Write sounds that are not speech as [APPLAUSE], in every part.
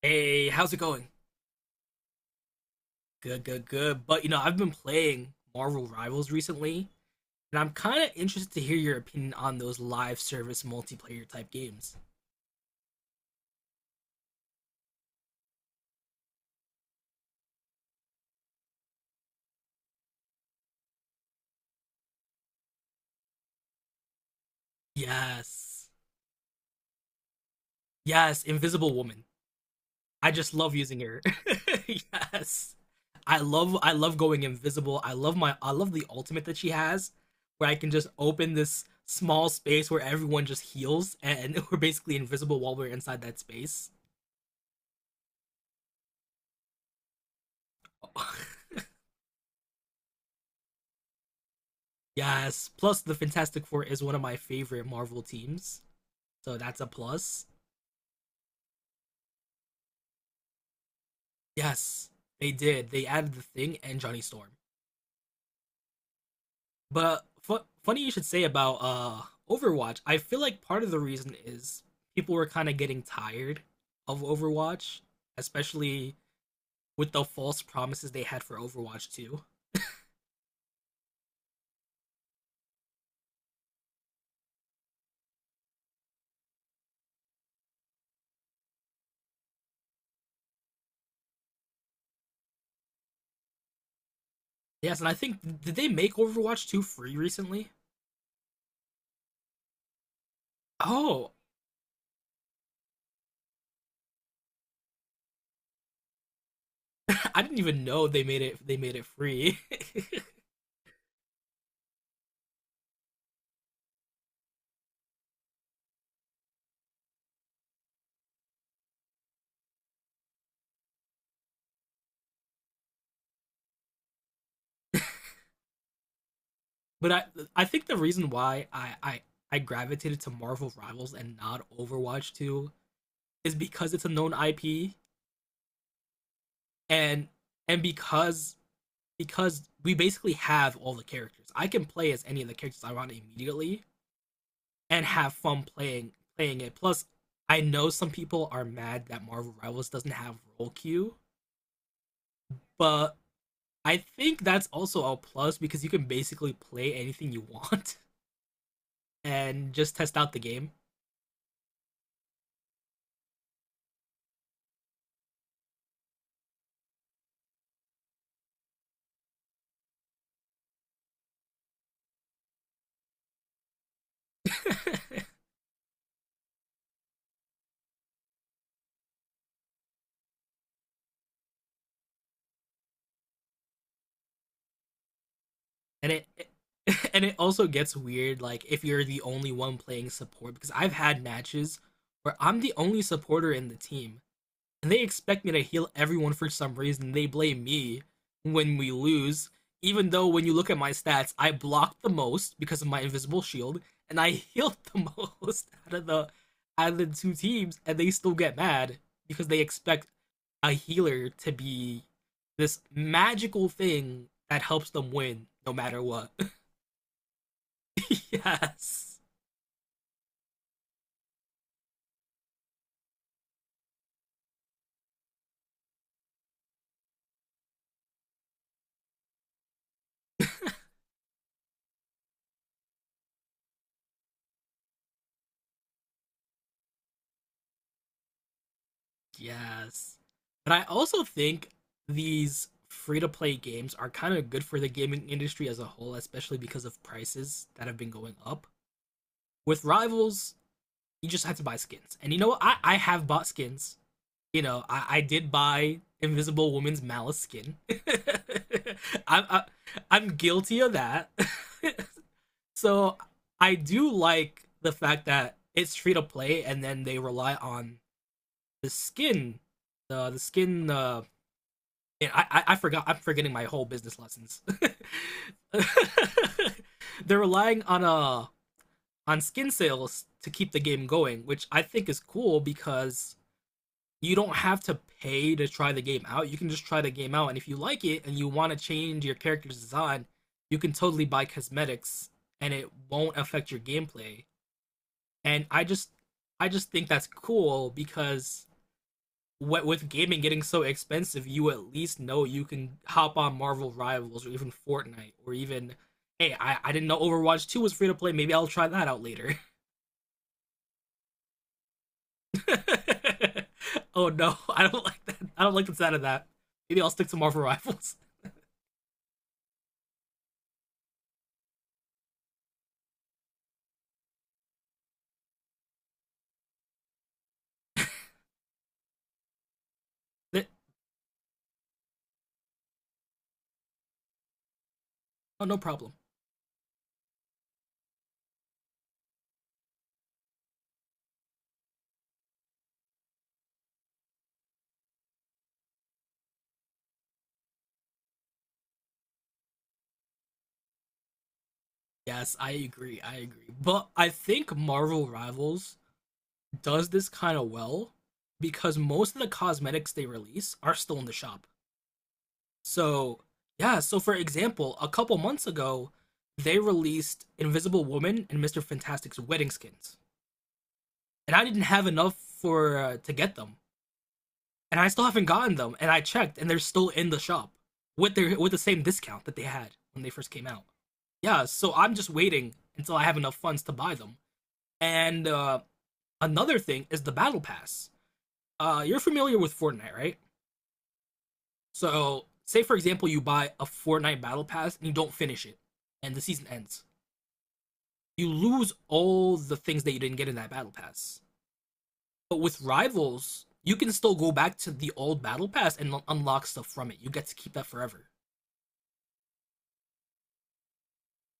Hey, how's it going? Good, good, good. But you know, I've been playing Marvel Rivals recently, and I'm kind of interested to hear your opinion on those live service multiplayer type games. Yes. Yes, Invisible Woman. I just love using her. [LAUGHS] Yes. I love going invisible. I love the ultimate that she has where I can just open this small space where everyone just heals and [LAUGHS] we're basically invisible while we're inside that space. [LAUGHS] Yes. Plus, the Fantastic Four is one of my favorite Marvel teams, so that's a plus. Yes, they did. They added the Thing and Johnny Storm. But fu- funny you should say about Overwatch. I feel like part of the reason is people were kind of getting tired of Overwatch, especially with the false promises they had for Overwatch 2. Yes, and I think did they make Overwatch 2 free recently? Oh, [LAUGHS] I didn't even know they made it free. [LAUGHS] But I think the reason why I gravitated to Marvel Rivals and not Overwatch 2 is because it's a known IP and and because we basically have all the characters. I can play as any of the characters I want immediately and have fun playing it. Plus, I know some people are mad that Marvel Rivals doesn't have roll queue, but I think that's also a plus because you can basically play anything you [LAUGHS] want and just test out the game. [LAUGHS] and it [LAUGHS] And it also gets weird like if you're the only one playing support because I've had matches where I'm the only supporter in the team, and they expect me to heal everyone for some reason. They blame me when we lose, even though when you look at my stats, I blocked the most because of my invisible shield, and I [LAUGHS] healed the most out of the two teams, and they still get mad because they expect a healer to be this magical thing that helps them win no matter what. [LAUGHS] Yes. Yes. But I also think these free to play games are kind of good for the gaming industry as a whole, especially because of prices that have been going up. With Rivals, you just have to buy skins. And you know what? I have bought skins. I did buy Invisible Woman's Malice skin. [LAUGHS] I'm, I, I'm guilty of that. [LAUGHS] So I do like the fact that it's free to play and then they rely on the skin, the skin, man, I forgot. I'm forgetting my whole business lessons. [LAUGHS] They're relying on skin sales to keep the game going, which I think is cool because you don't have to pay to try the game out. You can just try the game out, and if you like it and you want to change your character's design, you can totally buy cosmetics, and it won't affect your gameplay. And I just think that's cool because with gaming getting so expensive, you at least know you can hop on Marvel Rivals or even Fortnite or even hey, I didn't know Overwatch 2 was free to play, maybe I'll try that out later. [LAUGHS] Oh no, I don't like that. I don't like the sound of that. Maybe I'll stick to Marvel Rivals. [LAUGHS] Oh, no problem. Yes, I agree, I agree. But I think Marvel Rivals does this kind of well because most of the cosmetics they release are still in the shop. So, yeah, so for example, a couple months ago, they released Invisible Woman and Mr. Fantastic's wedding skins. And I didn't have enough for to get them. And I still haven't gotten them, and I checked and they're still in the shop with the same discount that they had when they first came out. Yeah, so I'm just waiting until I have enough funds to buy them. And another thing is the battle pass. You're familiar with Fortnite, right? So, say for example, you buy a Fortnite battle pass and you don't finish it, and the season ends. You lose all the things that you didn't get in that battle pass. But with rivals, you can still go back to the old battle pass and unlock stuff from it. You get to keep that forever.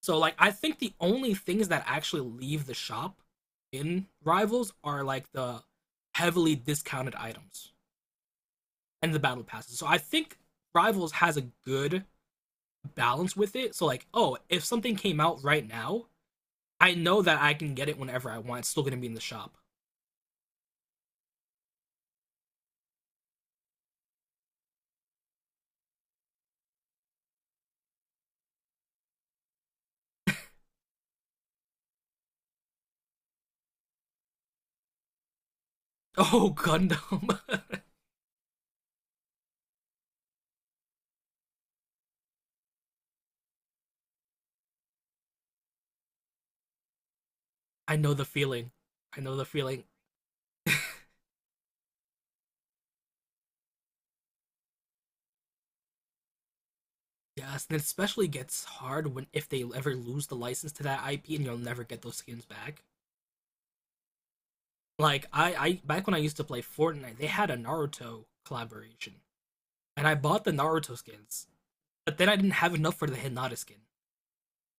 So like I think the only things that actually leave the shop in rivals are like the heavily discounted items and the battle passes. So I think rivals has a good balance with it. So like, oh, if something came out right now, I know that I can get it whenever I want. It's still gonna be in the shop. Oh, Gundam. [LAUGHS] I know the feeling. I know the feeling. Yes, and it especially gets hard when if they ever lose the license to that IP and you'll never get those skins back. Like I back when I used to play Fortnite, they had a Naruto collaboration, and I bought the Naruto skins, but then I didn't have enough for the Hinata skin.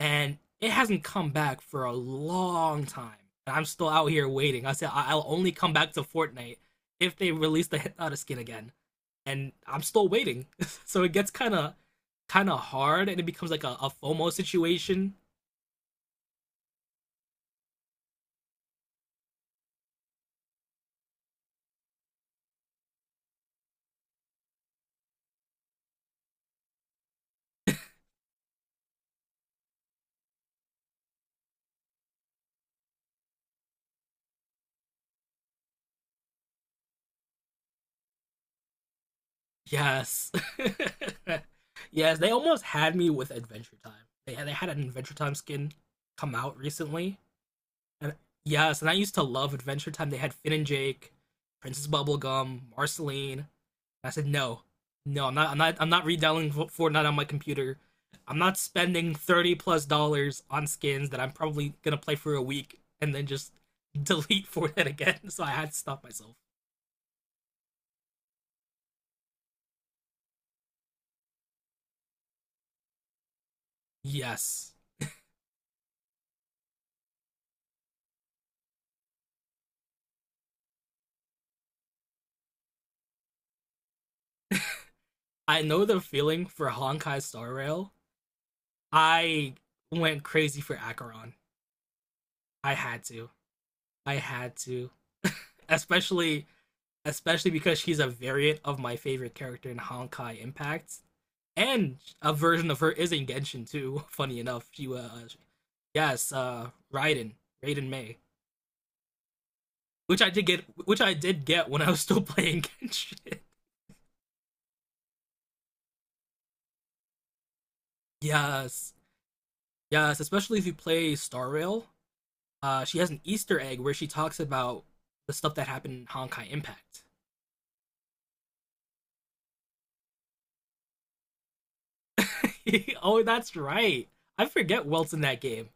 And it hasn't come back for a long time. And I'm still out here waiting. I said I- will only come back to Fortnite if they release the Hinata skin again, and I'm still waiting. [LAUGHS] So it gets kind of hard, and it becomes like a FOMO situation. Yes, [LAUGHS] yes, they almost had me with Adventure Time. They had an Adventure Time skin come out recently, and yes, and I used to love Adventure Time. They had Finn and Jake, Princess Bubblegum, Marceline. I said, no, no, I'm not redownloading Fortnite on my computer. I'm not spending 30 plus dollars on skins that I'm probably gonna play for a week and then just [LAUGHS] delete Fortnite again. [LAUGHS] So I had to stop myself. Yes, I know the feeling for Honkai Star Rail. I went crazy for Acheron. I had to. I had to. [LAUGHS] Especially because she's a variant of my favorite character in Honkai Impact. And a version of her is in Genshin too. [LAUGHS] Funny enough, she was yes, Raiden Mei, which I did get when I was [LAUGHS] still playing Genshin. [LAUGHS] Yes, yes, especially if you play Star Rail. She has an Easter egg where she talks about the stuff that happened in Honkai Impact. [LAUGHS] Oh, that's right. I forget Welt's in that game.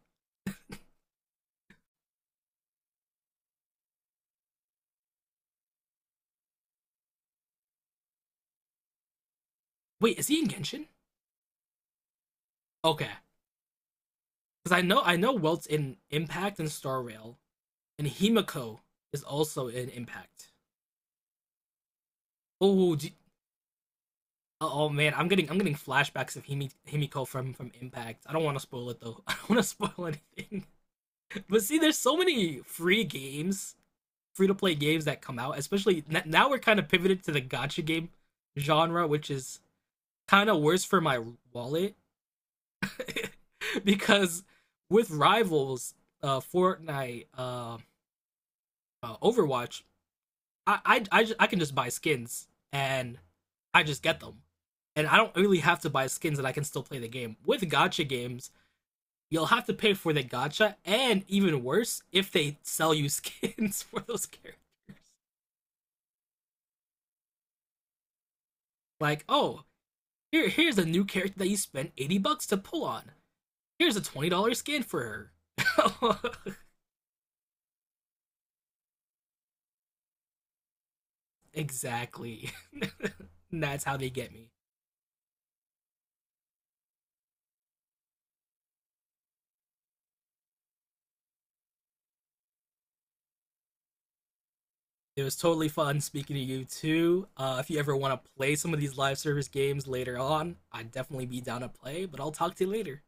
Wait, is he in Genshin? Okay, because I know Welt's in Impact and Star Rail, and Himiko is also in Impact. Oh, do, oh man, I'm getting flashbacks of Himiko from Impact. I don't want to spoil it though. [LAUGHS] I don't want to spoil anything. [LAUGHS] But see, there's so many free to play games that come out. Especially now, we're kind of pivoted to the gotcha game genre, which is kind of worse for my wallet [LAUGHS] because with rivals, uh, Fortnite, uh, Overwatch, I can just buy skins and I just get them, and I don't really have to buy skins, and I can still play the game. With Gacha games, you'll have to pay for the gacha, and even worse, if they sell you skins [LAUGHS] for those characters. Like, oh, here's a new character that you spent $80 to pull on. Here's a $20 skin for her. [LAUGHS] Exactly. [LAUGHS] That's how they get me. It was totally fun speaking to you too. If you ever want to play some of these live service games later on, I'd definitely be down to play, but I'll talk to you later.